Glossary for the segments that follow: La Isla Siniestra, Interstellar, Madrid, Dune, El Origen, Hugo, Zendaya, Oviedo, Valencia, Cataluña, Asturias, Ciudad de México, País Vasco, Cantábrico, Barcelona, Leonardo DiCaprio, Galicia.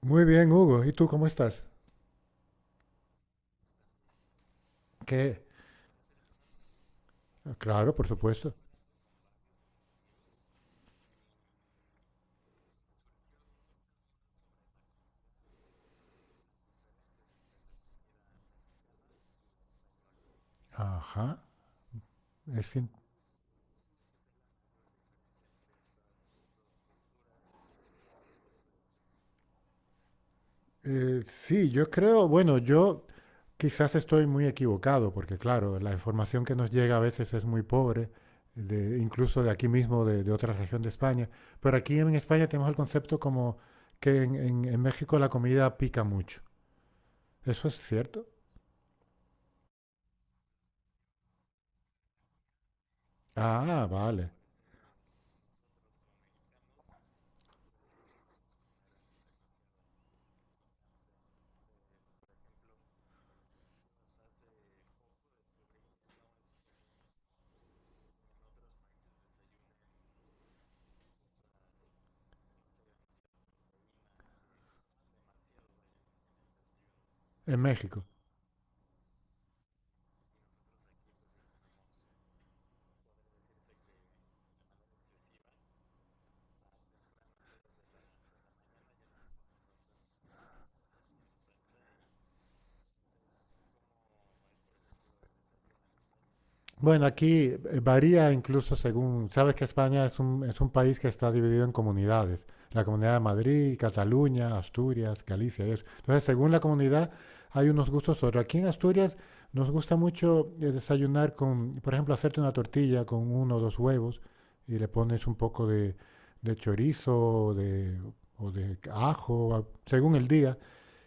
Muy bien, Hugo. ¿Y tú cómo estás? ¿Qué? Claro, por supuesto. Ajá. Es in- sí, yo creo, bueno, yo quizás estoy muy equivocado, porque claro, la información que nos llega a veces es muy pobre, incluso de aquí mismo, de otra región de España. Pero aquí en España tenemos el concepto como que en México la comida pica mucho. ¿Eso es cierto? Ah, vale. En México. Bueno, aquí varía incluso según, sabes que España es un país que está dividido en comunidades, la comunidad de Madrid, Cataluña, Asturias, Galicia y eso. Entonces, según la comunidad hay unos gustos otros. Aquí en Asturias nos gusta mucho desayunar con, por ejemplo, hacerte una tortilla con uno o dos huevos y le pones un poco de chorizo o de, o de ajo, según el día,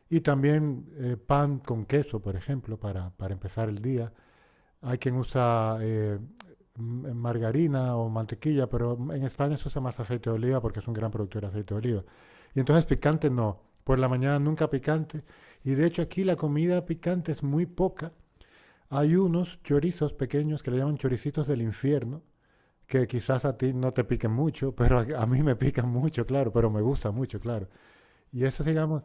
y también pan con queso, por ejemplo, para empezar el día. Hay quien usa margarina o mantequilla, pero en España se usa más aceite de oliva porque es un gran productor de aceite de oliva. Y entonces picante no. Por la mañana nunca picante. Y de hecho aquí la comida picante es muy poca. Hay unos chorizos pequeños que le llaman choricitos del infierno, que quizás a ti no te piquen mucho, pero a mí me pican mucho, claro, pero me gusta mucho, claro. Y eso, digamos,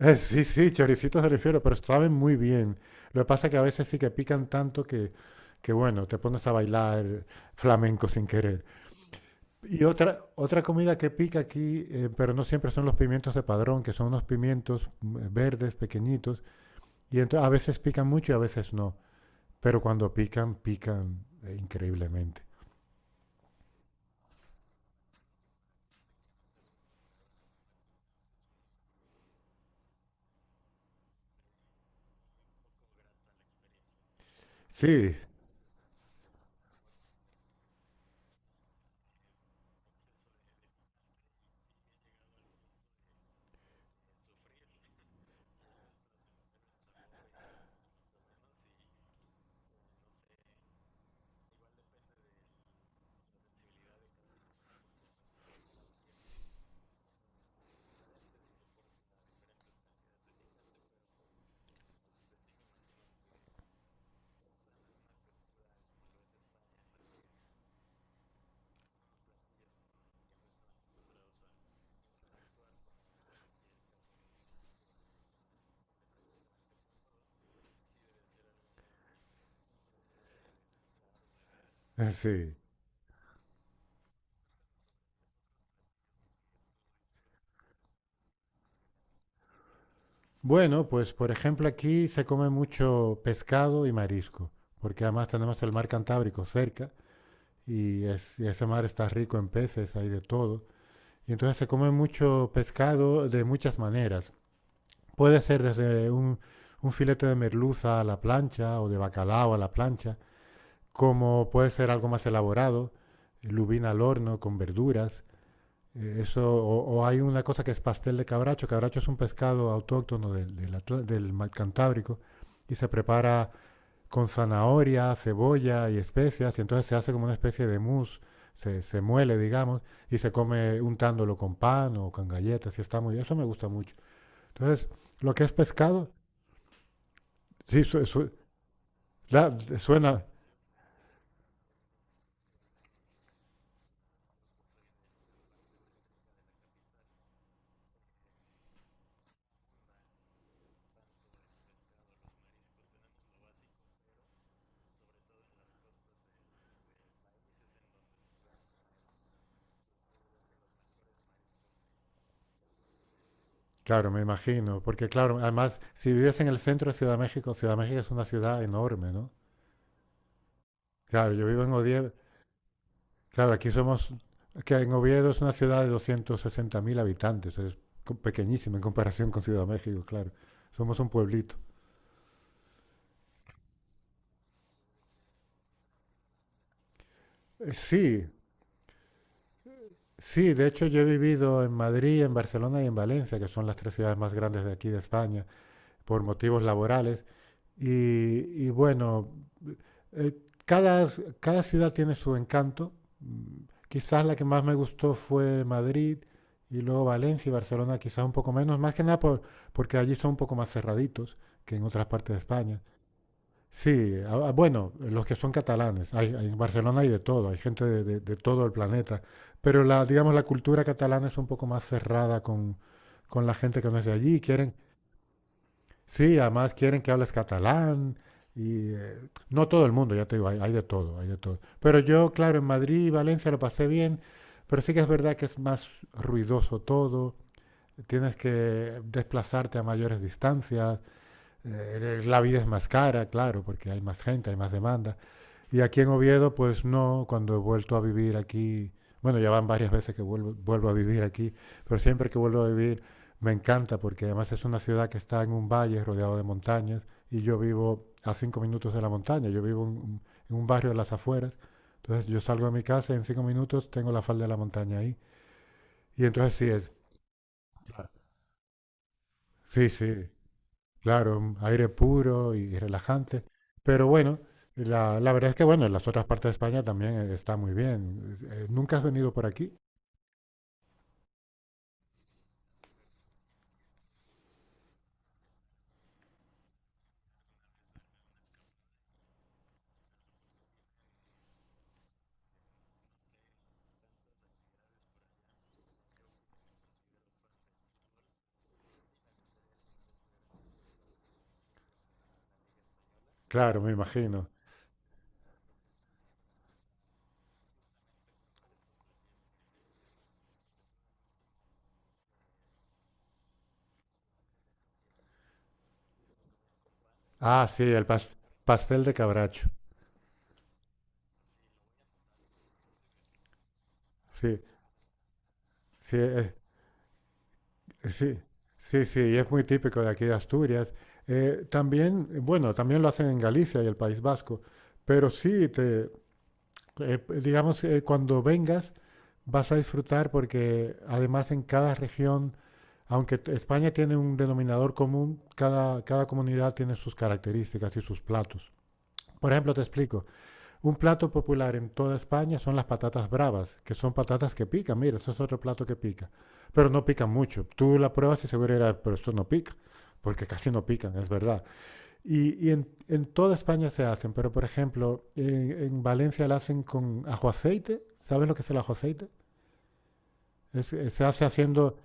sí, sí, choricitos de refiero, pero saben muy bien. Lo que pasa es que a veces sí que pican tanto que bueno, te pones a bailar flamenco sin querer. Y otra comida que pica aquí, pero no siempre son los pimientos de padrón, que son unos pimientos verdes, pequeñitos, y entonces a veces pican mucho y a veces no. Pero cuando pican, pican increíblemente. Sí, sí. Bueno, pues por ejemplo aquí se come mucho pescado y marisco, porque además tenemos el mar Cantábrico cerca. Y y ese mar está rico en peces, hay de todo. Y entonces se come mucho pescado de muchas maneras. Puede ser desde un filete de merluza a la plancha o de bacalao a la plancha, como puede ser algo más elaborado, lubina al horno con verduras. Eso, o hay una cosa que es pastel de cabracho. Cabracho es un pescado autóctono del Mar Cantábrico y se prepara con zanahoria, cebolla y especias, y entonces se hace como una especie de mousse, se muele, digamos, y se come untándolo con pan o con galletas, y está muy bien. Eso me gusta mucho. Entonces, lo que es pescado, sí, suena, claro, me imagino, porque claro, además, si vives en el centro de Ciudad de México es una ciudad enorme, ¿no? Claro, yo vivo en Oviedo, claro, aquí somos, que en Oviedo es una ciudad de 260.000 habitantes, es pequeñísima en comparación con Ciudad de México, claro, somos un pueblito. Sí, sí, de hecho yo he vivido en Madrid, en Barcelona y en Valencia, que son las tres ciudades más grandes de aquí de España, por motivos laborales. Y, y bueno, eh, cada ciudad tiene su encanto. Quizás la que más me gustó fue Madrid y luego Valencia y Barcelona, quizás un poco menos, más que nada porque allí son un poco más cerraditos que en otras partes de España. Sí, ah, ah, bueno, los que son catalanes. En Barcelona hay de todo, hay gente de todo el planeta. Pero la, digamos, la cultura catalana es un poco más cerrada con la gente que no es de allí. Sí, además quieren que hables catalán. Y no todo el mundo, ya te digo, hay de todo, hay de todo. Pero yo, claro, en Madrid y Valencia lo pasé bien, pero sí que es verdad que es más ruidoso todo. Tienes que desplazarte a mayores distancias. La vida es más cara, claro, porque hay más gente, hay más demanda. Y aquí en Oviedo, pues no, cuando he vuelto a vivir aquí, bueno, ya van varias veces que vuelvo, vuelvo a vivir aquí, pero siempre que vuelvo a vivir me encanta porque además es una ciudad que está en un valle rodeado de montañas y yo vivo a 5 minutos de la montaña, yo vivo en un barrio de las afueras, entonces yo salgo de mi casa y en 5 minutos tengo la falda de la montaña ahí. Y entonces sí es, claro. Sí, sí, claro, aire puro y relajante. Pero bueno, la verdad es que bueno, en las otras partes de España también está muy bien. ¿Nunca has venido por aquí? Claro, me imagino. Ah, sí, el pastel de cabracho. Sí, sí, sí, sí, sí, y es muy típico de aquí de Asturias. También, bueno, también lo hacen en Galicia y el País Vasco. Pero sí, digamos, cuando vengas vas a disfrutar porque además en cada región aunque España tiene un denominador común, cada comunidad tiene sus características y sus platos. Por ejemplo, te explico, un plato popular en toda España son las patatas bravas, que son patatas que pican, mira, eso es otro plato que pica, pero no pican mucho. Tú la pruebas y seguro dirás, pero esto no pica, porque casi no pican, es verdad. Y en toda España se hacen, pero por ejemplo, en Valencia la hacen con ajo aceite, ¿sabes lo que es el ajo aceite? Se hace haciendo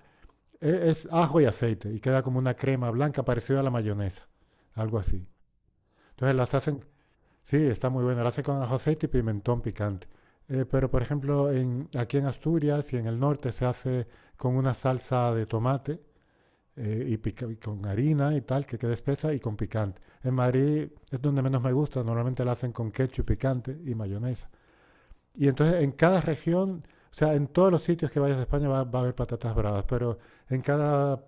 es ajo y aceite y queda como una crema blanca parecida a la mayonesa, algo así. Entonces las hacen, sí, está muy buena, las hacen con ajo, aceite y pimentón picante. Pero por ejemplo, aquí en Asturias y en el norte se hace con una salsa de tomate y con harina y tal, que queda espesa y con picante. En Madrid es donde menos me gusta, normalmente la hacen con ketchup picante y mayonesa. Y entonces en cada región, o sea, en todos los sitios que vayas de España va, va a haber patatas bravas, pero en cada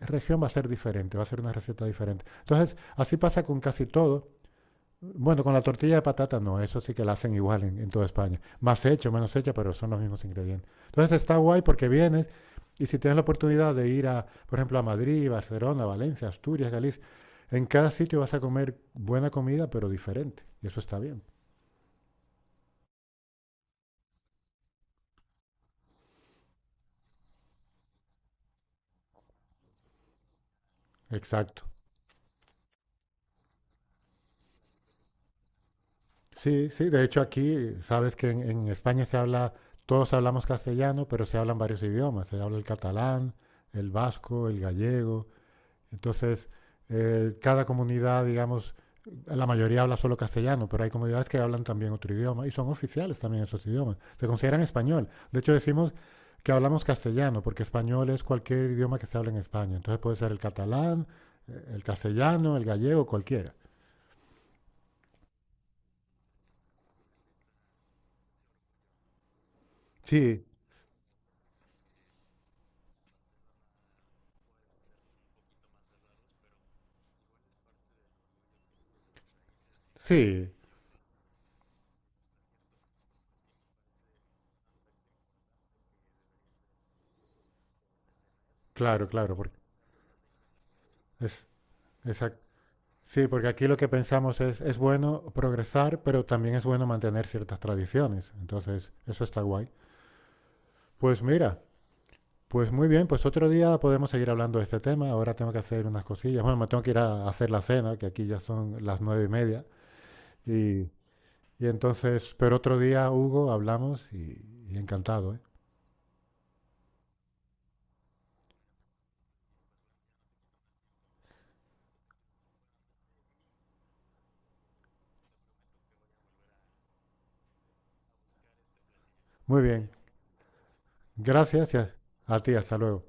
región va a ser diferente, va a ser una receta diferente. Entonces, así pasa con casi todo. Bueno, con la tortilla de patata no, eso sí que la hacen igual en toda España. Más hecho, menos hecha, pero son los mismos ingredientes. Entonces está guay porque vienes y si tienes la oportunidad de ir a, por ejemplo, a Madrid, Barcelona, Valencia, Asturias, Galicia, en cada sitio vas a comer buena comida, pero diferente. Y eso está bien. Exacto. Sí, sí, de hecho aquí, sabes que en España se habla, todos hablamos castellano, pero se hablan varios idiomas, se habla el catalán, el vasco, el gallego, entonces cada comunidad, digamos, la mayoría habla solo castellano, pero hay comunidades que hablan también otro idioma y son oficiales también esos idiomas, se consideran español, de hecho decimos que hablamos castellano, porque español es cualquier idioma que se habla en España, entonces puede ser el catalán, el castellano, el gallego, cualquiera. Sí, sí, claro, claro, porque es. Exacto. Sí, porque aquí lo que pensamos es bueno progresar, pero también es bueno mantener ciertas tradiciones. Entonces, eso está guay. Pues mira, pues muy bien, pues otro día podemos seguir hablando de este tema. Ahora tengo que hacer unas cosillas. Bueno, me tengo que ir a hacer la cena, que aquí ya son las 9:30. Y, y entonces, pero otro día, Hugo, hablamos y encantado, ¿eh? Muy bien. Gracias y a ti, hasta luego.